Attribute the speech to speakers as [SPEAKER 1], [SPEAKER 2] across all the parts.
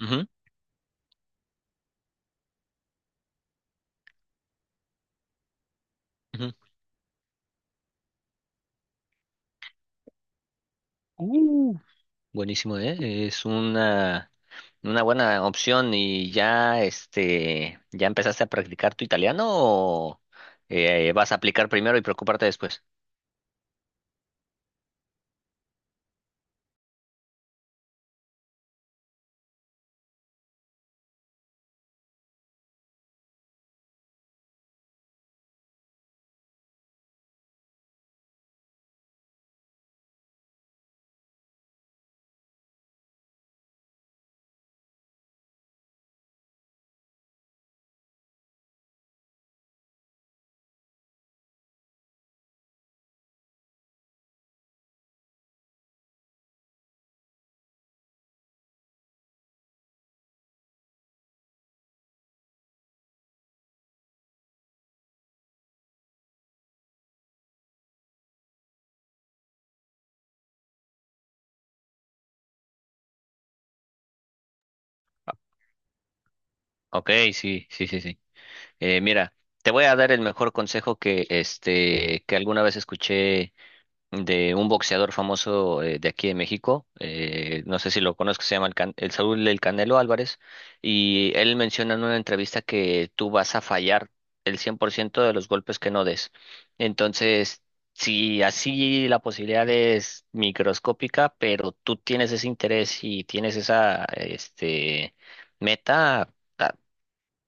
[SPEAKER 1] Ujú, ujú. Uh, buenísimo, ¿eh? Es una buena opción. ¿Y ya, ya empezaste a practicar tu italiano o vas a aplicar primero y preocuparte después? Ah, ok, sí, sí, sí, sí. Mira, te voy a dar el mejor consejo que alguna vez escuché de un boxeador famoso de aquí de México, no sé si lo conozco, se llama el Saúl del Canelo Álvarez, y él menciona en una entrevista que tú vas a fallar el 100% de los golpes que no des. Entonces, si así la posibilidad es microscópica, pero tú tienes ese interés y tienes esa meta, ah,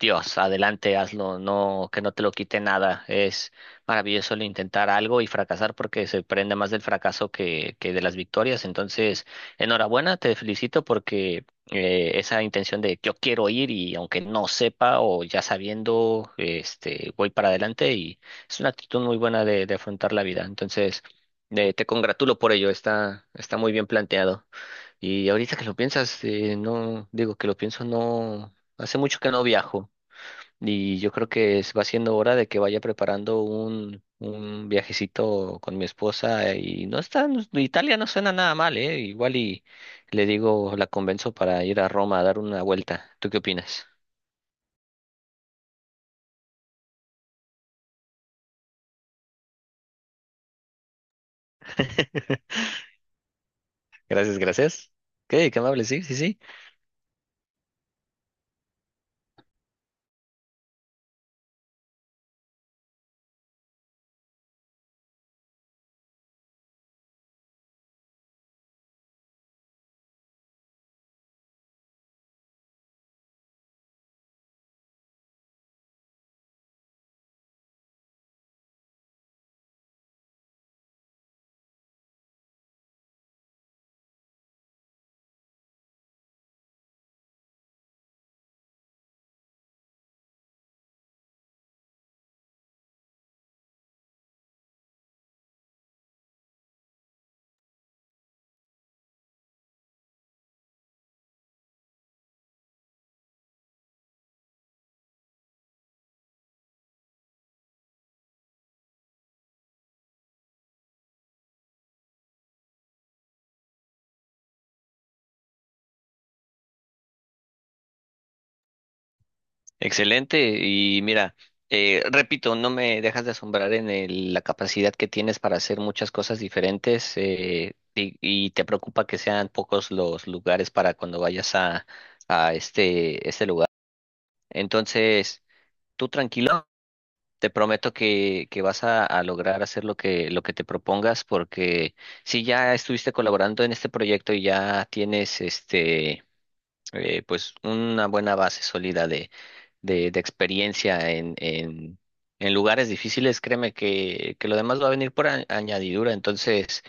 [SPEAKER 1] Dios, adelante, hazlo, no, que no te lo quite nada. Es maravilloso el intentar algo y fracasar porque se prende más del fracaso que de las victorias. Entonces, enhorabuena, te felicito porque esa intención de yo quiero ir y aunque no sepa o ya sabiendo, voy para adelante y es una actitud muy buena de afrontar la vida. Entonces, te congratulo por ello, está muy bien planteado. Y ahorita que lo piensas, no, digo que lo pienso, no, hace mucho que no viajo. Y yo creo que va siendo hora de que vaya preparando un viajecito con mi esposa y no está, no- Italia no suena nada mal, ¿eh? Igual y le digo, la convenzo para ir a Roma a dar una vuelta. ¿Tú qué opinas? Gracias, gracias. Ok, qué amable, sí, sí, sí. Excelente. Y mira, repito, no me dejas de asombrar en la capacidad que tienes para hacer muchas cosas diferentes, y te preocupa que sean pocos los lugares para cuando vayas a este lugar. Entonces, tú tranquilo, te prometo que vas a lograr hacer lo que te propongas porque si ya estuviste colaborando en este proyecto y ya tienes pues una buena base sólida de experiencia en lugares difíciles, créeme que lo demás va a venir por añadidura. Entonces,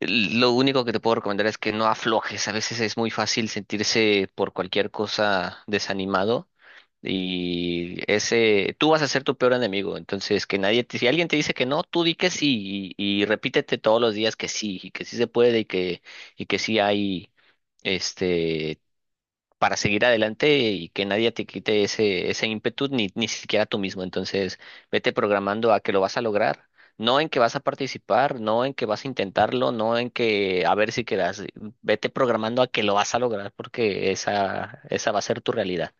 [SPEAKER 1] lo único que te puedo recomendar es que no aflojes. A veces es muy fácil sentirse por cualquier cosa desanimado. Y tú vas a ser tu peor enemigo. Entonces, que nadie te, si alguien te dice que no, tú di que sí y repítete todos los días que sí, y que sí se puede y que sí hay, este, para seguir adelante y que nadie te quite ese ímpetu, ni siquiera tú mismo. Entonces, vete programando a que lo vas a lograr, no en que vas a participar, no en que vas a intentarlo, no en que a ver si quedas, vete programando a que lo vas a lograr porque esa va a ser tu realidad.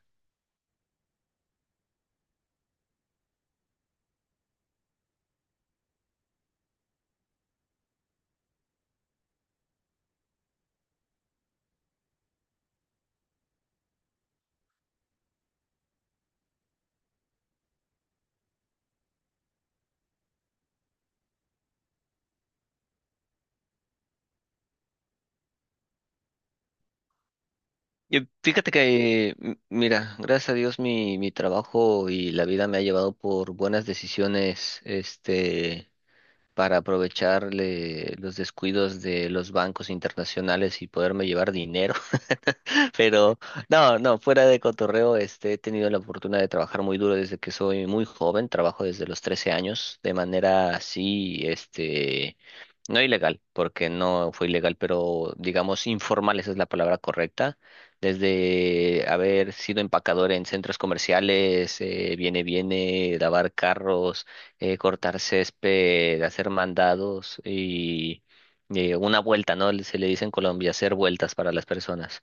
[SPEAKER 1] Y fíjate mira, gracias a Dios mi trabajo y la vida me ha llevado por buenas decisiones, para aprovechar los descuidos de los bancos internacionales y poderme llevar dinero. Pero no, no, fuera de cotorreo, he tenido la fortuna de trabajar muy duro desde que soy muy joven, trabajo desde los 13 años de manera así, no ilegal, porque no fue ilegal, pero digamos informal, esa es la palabra correcta, desde haber sido empacador en centros comerciales, viene, viene, lavar carros, cortar césped, hacer mandados y una vuelta, ¿no? Se le dice en Colombia, hacer vueltas para las personas.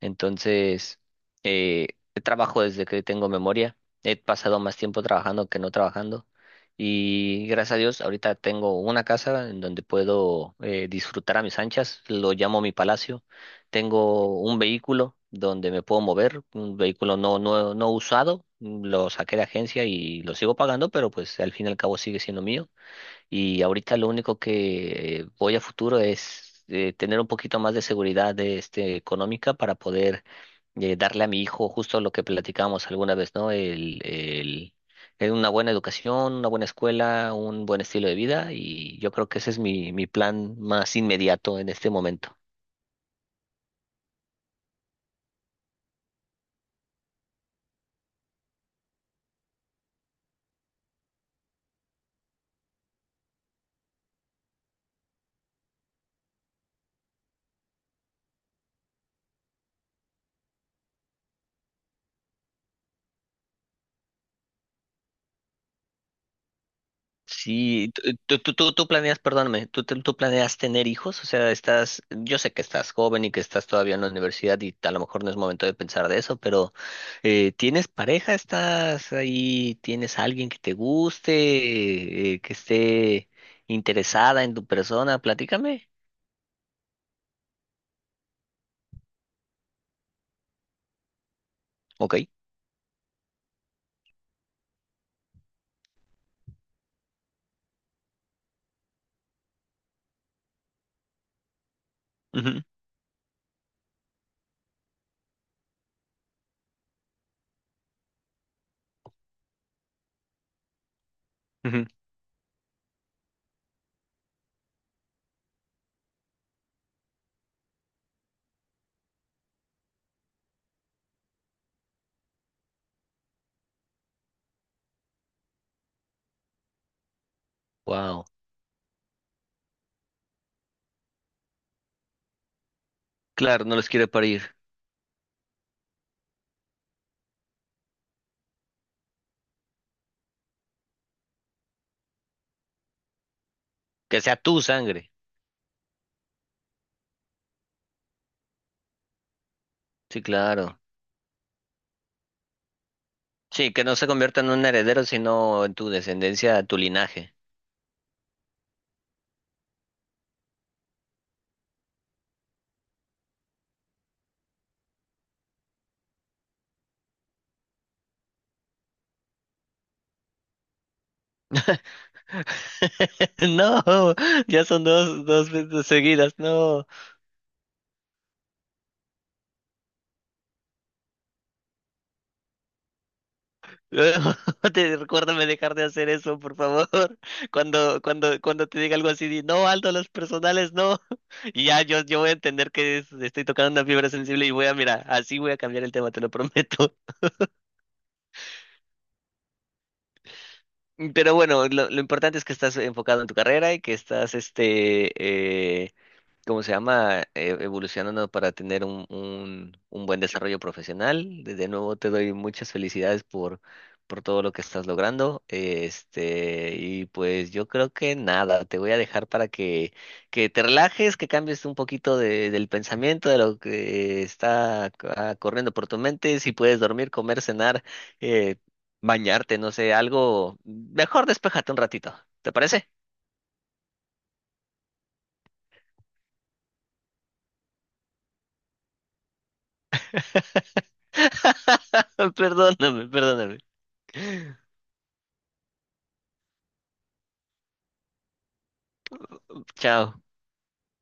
[SPEAKER 1] Entonces, eh, trabajo desde que tengo memoria. He pasado más tiempo trabajando que no trabajando. Y gracias a Dios, ahorita tengo una casa en donde puedo disfrutar a mis anchas. Lo llamo mi palacio. Tengo un vehículo donde me puedo mover, un vehículo no, no, no usado. Lo saqué de agencia y lo sigo pagando, pero pues al fin y al cabo sigue siendo mío. Y ahorita lo único que, voy a futuro es, tener un poquito más de seguridad, económica, para poder darle a mi hijo justo lo que platicábamos alguna vez, ¿no? El una buena educación, una buena escuela, un buen estilo de vida y yo creo que ese es mi plan más inmediato en este momento. Sí, tú planeas, perdóname, ¿tú planeas tener hijos? O sea, yo sé que estás joven y que estás todavía en la universidad y a lo mejor no es momento de pensar de eso, pero ¿tienes pareja? ¿Estás ahí? ¿Tienes alguien que te guste, que esté interesada en tu persona? Platícame. Ok. Wow. Claro, no los quiere parir. Que sea tu sangre. Sí, claro. Sí, que no se convierta en un heredero, sino en tu descendencia, tu linaje. No, ya son dos veces seguidas, no. Recuérdame dejar de hacer eso, por favor. Cuando te diga algo así, di, no, Aldo, los personales, no. Y ya yo voy a entender que estoy tocando una fibra sensible y mira, así voy a cambiar el tema, te lo prometo. Pero bueno, lo importante es que estás enfocado en tu carrera y que estás, ¿cómo se llama? Evolucionando, para tener un buen desarrollo profesional. De nuevo te doy muchas felicidades por todo lo que estás logrando. Y pues yo creo que nada, te voy a dejar para que te relajes, que cambies un poquito del pensamiento, de lo que está, corriendo por tu mente. Si puedes dormir, comer, cenar, eh, bañarte, no sé, algo. Mejor despéjate un ratito. ¿Te parece? Perdóname, perdóname. Chao.